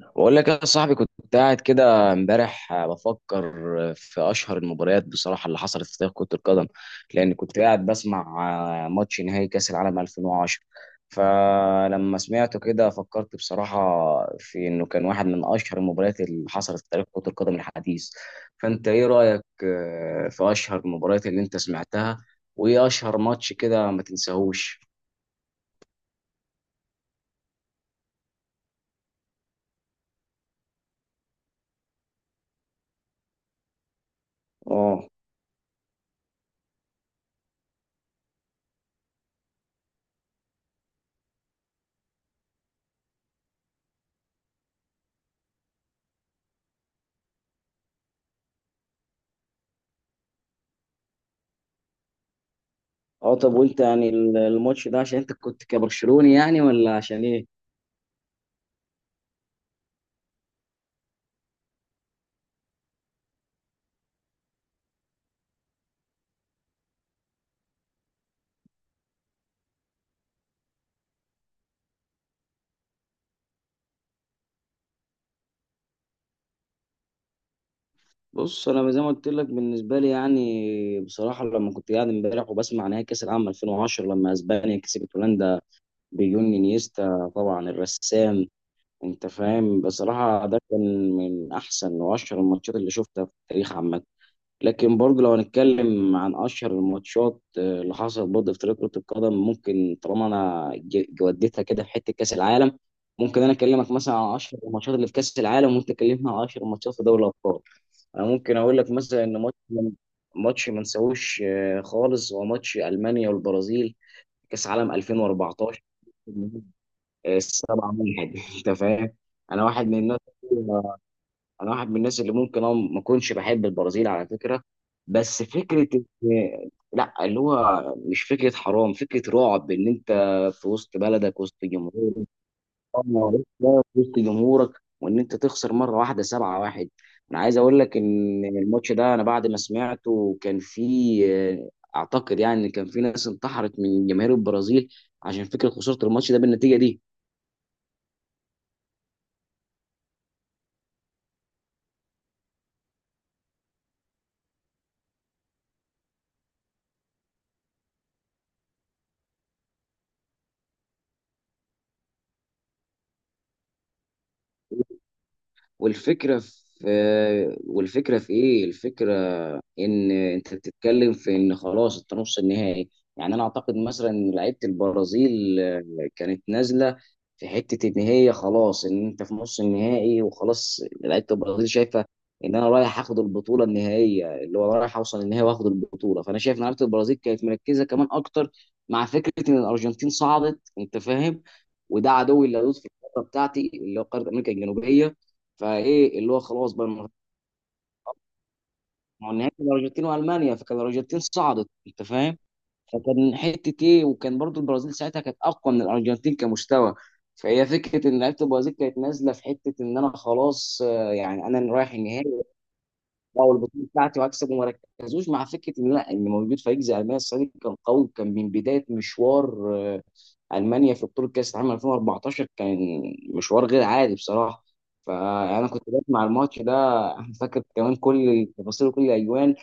بقول لك يا صاحبي، كنت قاعد كده امبارح بفكر في اشهر المباريات بصراحه اللي حصلت في تاريخ كره القدم. لان كنت قاعد بسمع ماتش نهائي كاس العالم 2010. فلما سمعته كده، فكرت بصراحه في انه كان واحد من اشهر المباريات اللي حصلت في تاريخ كره القدم الحديث. فانت ايه رايك في اشهر المباريات اللي انت سمعتها، وايه اشهر ماتش كده ما تنساهوش؟ اه، اه، طب وانت يعني الماتش ده عشان انت كنت كبرشلوني يعني، ولا عشان ايه؟ بص، انا زي ما قلت لك بالنسبه لي يعني، بصراحه لما كنت قاعد امبارح وبسمع نهائي كاس العالم 2010 لما اسبانيا كسبت هولندا بجون انيستا طبعا الرسام، انت فاهم، بصراحه ده كان من احسن واشهر الماتشات اللي شفتها في التاريخ عامه. لكن برضه لو هنتكلم عن اشهر الماتشات اللي حصلت برضه في تاريخ كره القدم، ممكن طالما انا جودتها كده في حته كاس العالم، ممكن انا اكلمك مثلا عن اشهر الماتشات اللي في كاس العالم، وانت تكلمنا عن اشهر الماتشات في دوري الابطال. انا ممكن اقول لك مثلا ان ماتش ما نساهوش خالص، هو ماتش المانيا والبرازيل كاس عالم 2014، 7 واحد انت فاهم. انا واحد من الناس انا واحد من الناس اللي ممكن أنا ما اكونش بحب البرازيل على فكره. بس فكره لا، اللي هو مش فكره حرام، فكره رعب ان انت في وسط بلدك، وسط جمهورك. اه، معلش بقى في وسط جمهورك، وان انت تخسر مره واحده 7-1. انا عايز اقول لك ان الماتش ده، انا بعد ما سمعته، كان في اعتقد يعني ان كان في ناس انتحرت من جماهير البرازيل عشان فكره خساره الماتش ده بالنتيجه دي. والفكره في والفكره في ايه الفكره، ان انت بتتكلم في ان خلاص انت نص النهائي. يعني انا اعتقد مثلا ان لعيبه البرازيل كانت نازله في حته ان هي خلاص، ان انت في نص النهائي وخلاص، لعيبه البرازيل شايفه ان انا رايح اخد البطوله النهائيه، اللي هو رايح اوصل النهائي واخد البطوله، فانا شايف ان لعيبه البرازيل كانت مركزه كمان اكتر مع فكره ان الارجنتين صعدت، انت فاهم، وده عدوي اللدود في القاره بتاعتي اللي هو قاره امريكا الجنوبيه. فايه اللي هو خلاص بقى، ما هو النهائي كان الارجنتين والمانيا، فكان الارجنتين صعدت، انت فاهم. فكان حته ايه، وكان برضو البرازيل ساعتها كانت اقوى من الارجنتين كمستوى. فهي فكره ان لعيبه البرازيل كانت نازله في حته ان انا خلاص، يعني انا رايح النهائي. لا، والبطوله بتاعتي واكسب، وما ركزوش مع فكره ان لا، ان موجود فريق زي المانيا السنه دي كان قوي، كان من بدايه مشوار، المانيا في بطوله كاس العالم 2014 كان مشوار غير عادي بصراحه. فانا كنت بسمع الماتش ده، أنا فاكر كمان كل التفاصيل وكل الاجوان.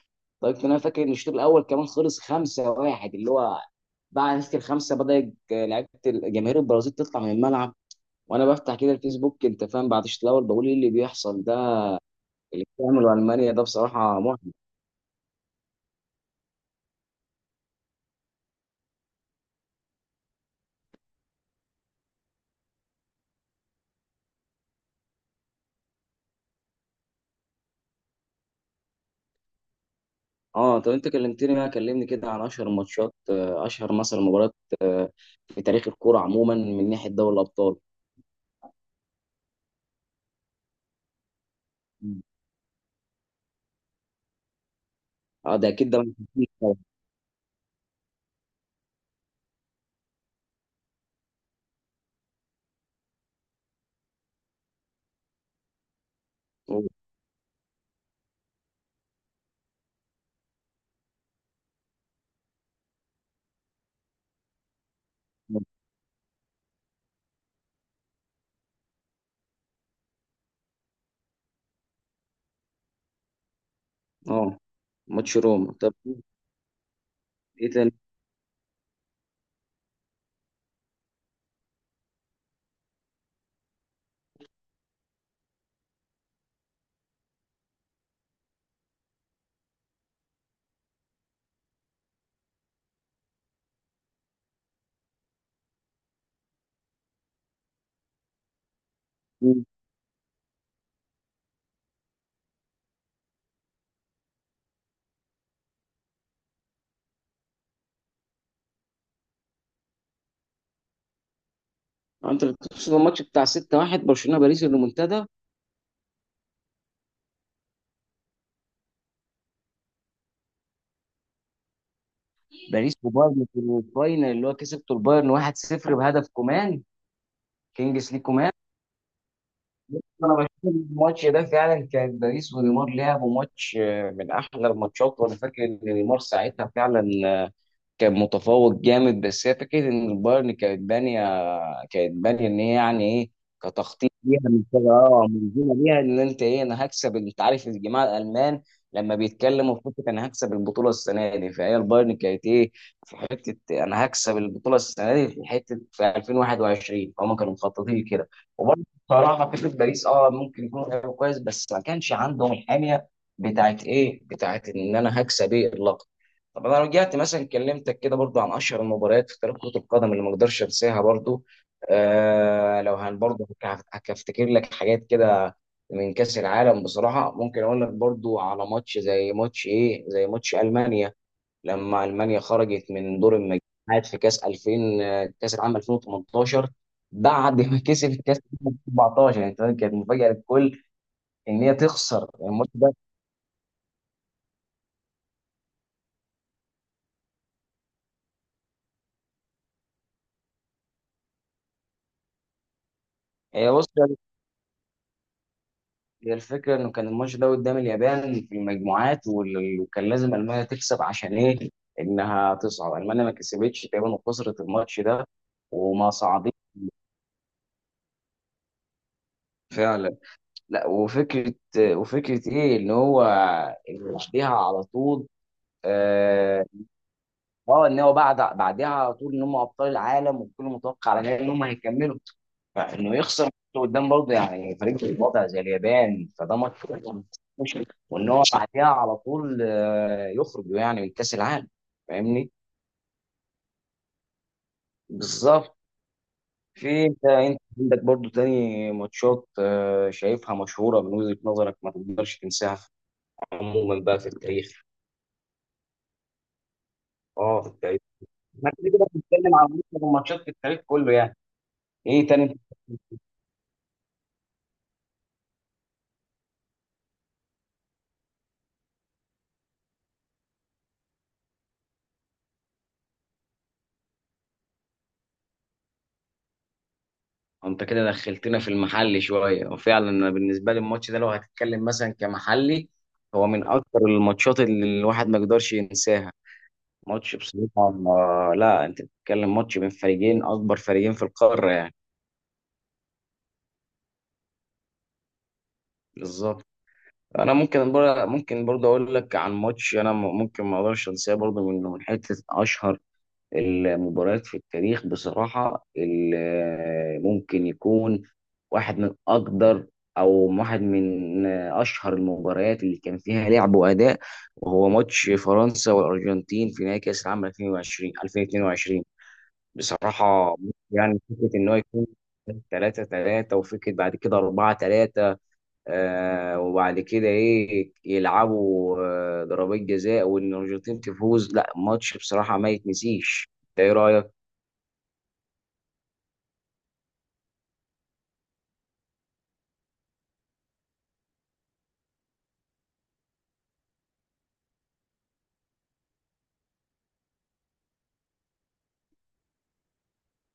طيب انا فاكر ان الشوط الاول كمان خلص 5-1، اللي هو بعد نتيجه الخمسه بدات لعيبه جماهير البرازيل تطلع من الملعب. وانا بفتح كده الفيسبوك، انت فاهم، بعد الشوط الاول بقول ايه اللي بيحصل ده، اللي بتعمله المانيا ده بصراحه. اه، طب انت كلمتني بقى كلمني كده عن اشهر الماتشات، اشهر مثلا مباريات آه، في تاريخ الكوره عموما من ناحيه دوري الابطال. اه، ده اكيد ده. اه، ماتش روما، طب، ايه تاني؟ آه، انت بتقصد الماتش بتاع 6-1 برشلونه باريس المنتدى؟ باريس وبايرن في الفاينل، اللي هو كسبته البايرن 1-0 بهدف كومان، كينجز لي كومان. انا بشوف الماتش ده فعلا كان باريس ونيمار لعبوا ماتش من احلى الماتشات، وانا فاكر ان نيمار ساعتها فعلا كان متفوق جامد. بس هي فكره ان البايرن كانت بانيه ان هي يعني ايه، كتخطيط ليها من كده. اه منظومه ليها، ان انت ايه، انا هكسب. انت عارف الجماعه الالمان لما بيتكلموا في فكره انا هكسب البطوله السنه دي، فهي البايرن كانت ايه، في حته انا هكسب البطوله السنه دي في حته في 2021، فهم كانوا مخططين كده. وبرضه بصراحه فكره باريس، اه ممكن يكون لعيب كويس، بس ما كانش عندهم الحاميه بتاعت ايه، بتاعت ان انا هكسب ايه. طب انا رجعت مثلا كلمتك كده برضو عن اشهر المباريات في تاريخ كرة القدم اللي ما اقدرش انساها برضو. لو برضو هفتكر لك حاجات كده من كأس العالم بصراحة، ممكن اقول لك برضو على ماتش زي ماتش ايه، زي ماتش المانيا لما المانيا خرجت من دور المجموعات في كأس 2000، كأس العالم 2018 بعد ما كسبت كأس العالم 2014، يعني كانت مفاجأة للكل ان هي تخسر الماتش ده. هي بص هي الفكرة إنه كان الماتش ده قدام اليابان في المجموعات، وكان لازم ألمانيا تكسب عشان إيه؟ إنها تصعد. ألمانيا ما كسبتش تقريبا، وخسرت الماتش ده وما صعدتش فعلا. لا، وفكرة إيه، إن هو إن بعديها على طول، آه، اه، ان هو بعدها على طول ان هم ابطال العالم، والكل متوقع على كده ان هم هيكملوا. فانه يخسر قدام برضه يعني فريق في الوضع زي اليابان، فده ماتش مش، وان هو بعدها على طول يخرج يعني من كاس العالم. فاهمني؟ بالظبط. في انت عندك برضه تاني ماتشات شايفها مشهوره من وجهه نظرك ما تقدرش تنساها عموما بقى في التاريخ؟ اه، في التاريخ، ما كده كده بنتكلم عن معظم الماتشات في التاريخ كله يعني. ايه تاني؟ انت كده دخلتنا في المحلي شويه، وفعلا انا بالنسبه لي الماتش ده لو هتتكلم مثلا كمحلي، هو من اكتر الماتشات اللي الواحد ما يقدرش ينساها. ماتش بصراحه، لا، انت بتتكلم ماتش بين فريقين، اكبر فريقين في القاره يعني. بالظبط. انا ممكن برضه اقول لك عن ماتش، انا ممكن ما اقدرش انساه برضه من حته اشهر المباريات في التاريخ بصراحة، ممكن يكون واحد من أقدر، أو واحد من أشهر المباريات اللي كان فيها لعب وأداء، وهو ماتش فرنسا والأرجنتين في نهائي كأس العالم 2020 2022 بصراحة. يعني فكرة إن هو يكون 3-3، وفكرة بعد كده 4-3، وبعد كده إيه، يلعبوا ضربات جزاء، وإن الأرجنتين تفوز. لا، ماتش بصراحة ما يتنسيش، ده إيه رأيك؟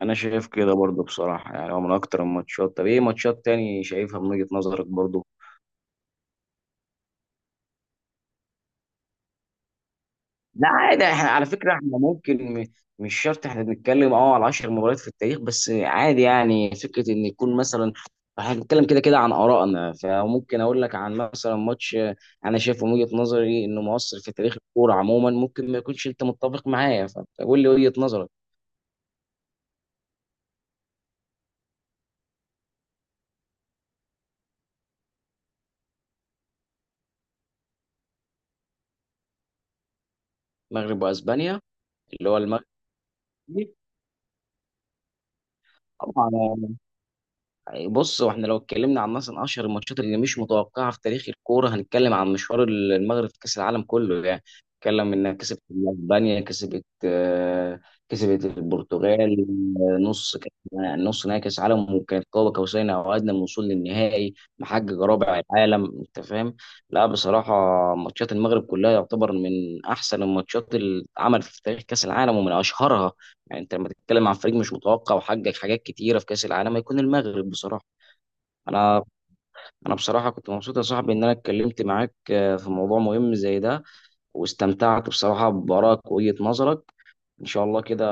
انا شايف كده برضو بصراحه، يعني هو من اكتر الماتشات. طب ايه ماتشات تاني شايفها من وجهه نظرك برضو؟ لا عادي، احنا على فكره احنا ممكن مش شرط، احنا بنتكلم اه على 10 مباريات في التاريخ بس، عادي يعني، فكره ان يكون مثلا احنا بنتكلم كده كده عن ارائنا، فممكن اقول لك عن مثلا ماتش انا شايفه من وجهه نظري انه مؤثر في تاريخ الكوره عموما، ممكن ما يكونش انت متفق معايا، فقول لي وجهه نظرك. المغرب واسبانيا، اللي هو المغرب، طبعا. بص، واحنا لو اتكلمنا عن مثلا اشهر الماتشات اللي مش متوقعه في تاريخ الكوره، هنتكلم عن مشوار المغرب في كاس العالم كله يعني. نتكلم انها كسبت اسبانيا، كسبت البرتغال، نص نهائي كاس عالم، وكانت قاب قوسين او ادنى من الوصول للنهائي، محقق رابع العالم، انت فاهم. لا بصراحه، ماتشات المغرب كلها يعتبر من احسن الماتشات اللي اتعملت في تاريخ كاس العالم ومن اشهرها. يعني انت لما تتكلم عن فريق مش متوقع وحقق حاجات كتيره في كاس العالم، هيكون المغرب بصراحه. انا انا بصراحه كنت مبسوط يا صاحبي ان انا اتكلمت معاك في موضوع مهم زي ده، واستمتعت بصراحه بارائك ووجهه نظرك. ان شاء الله كده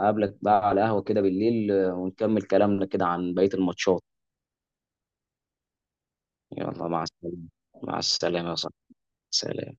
اقابلك بقى على قهوه كده بالليل، ونكمل كلامنا كده عن بقيه الماتشات. يلا مع السلامه. مع السلامه يا صاحبي. سلام.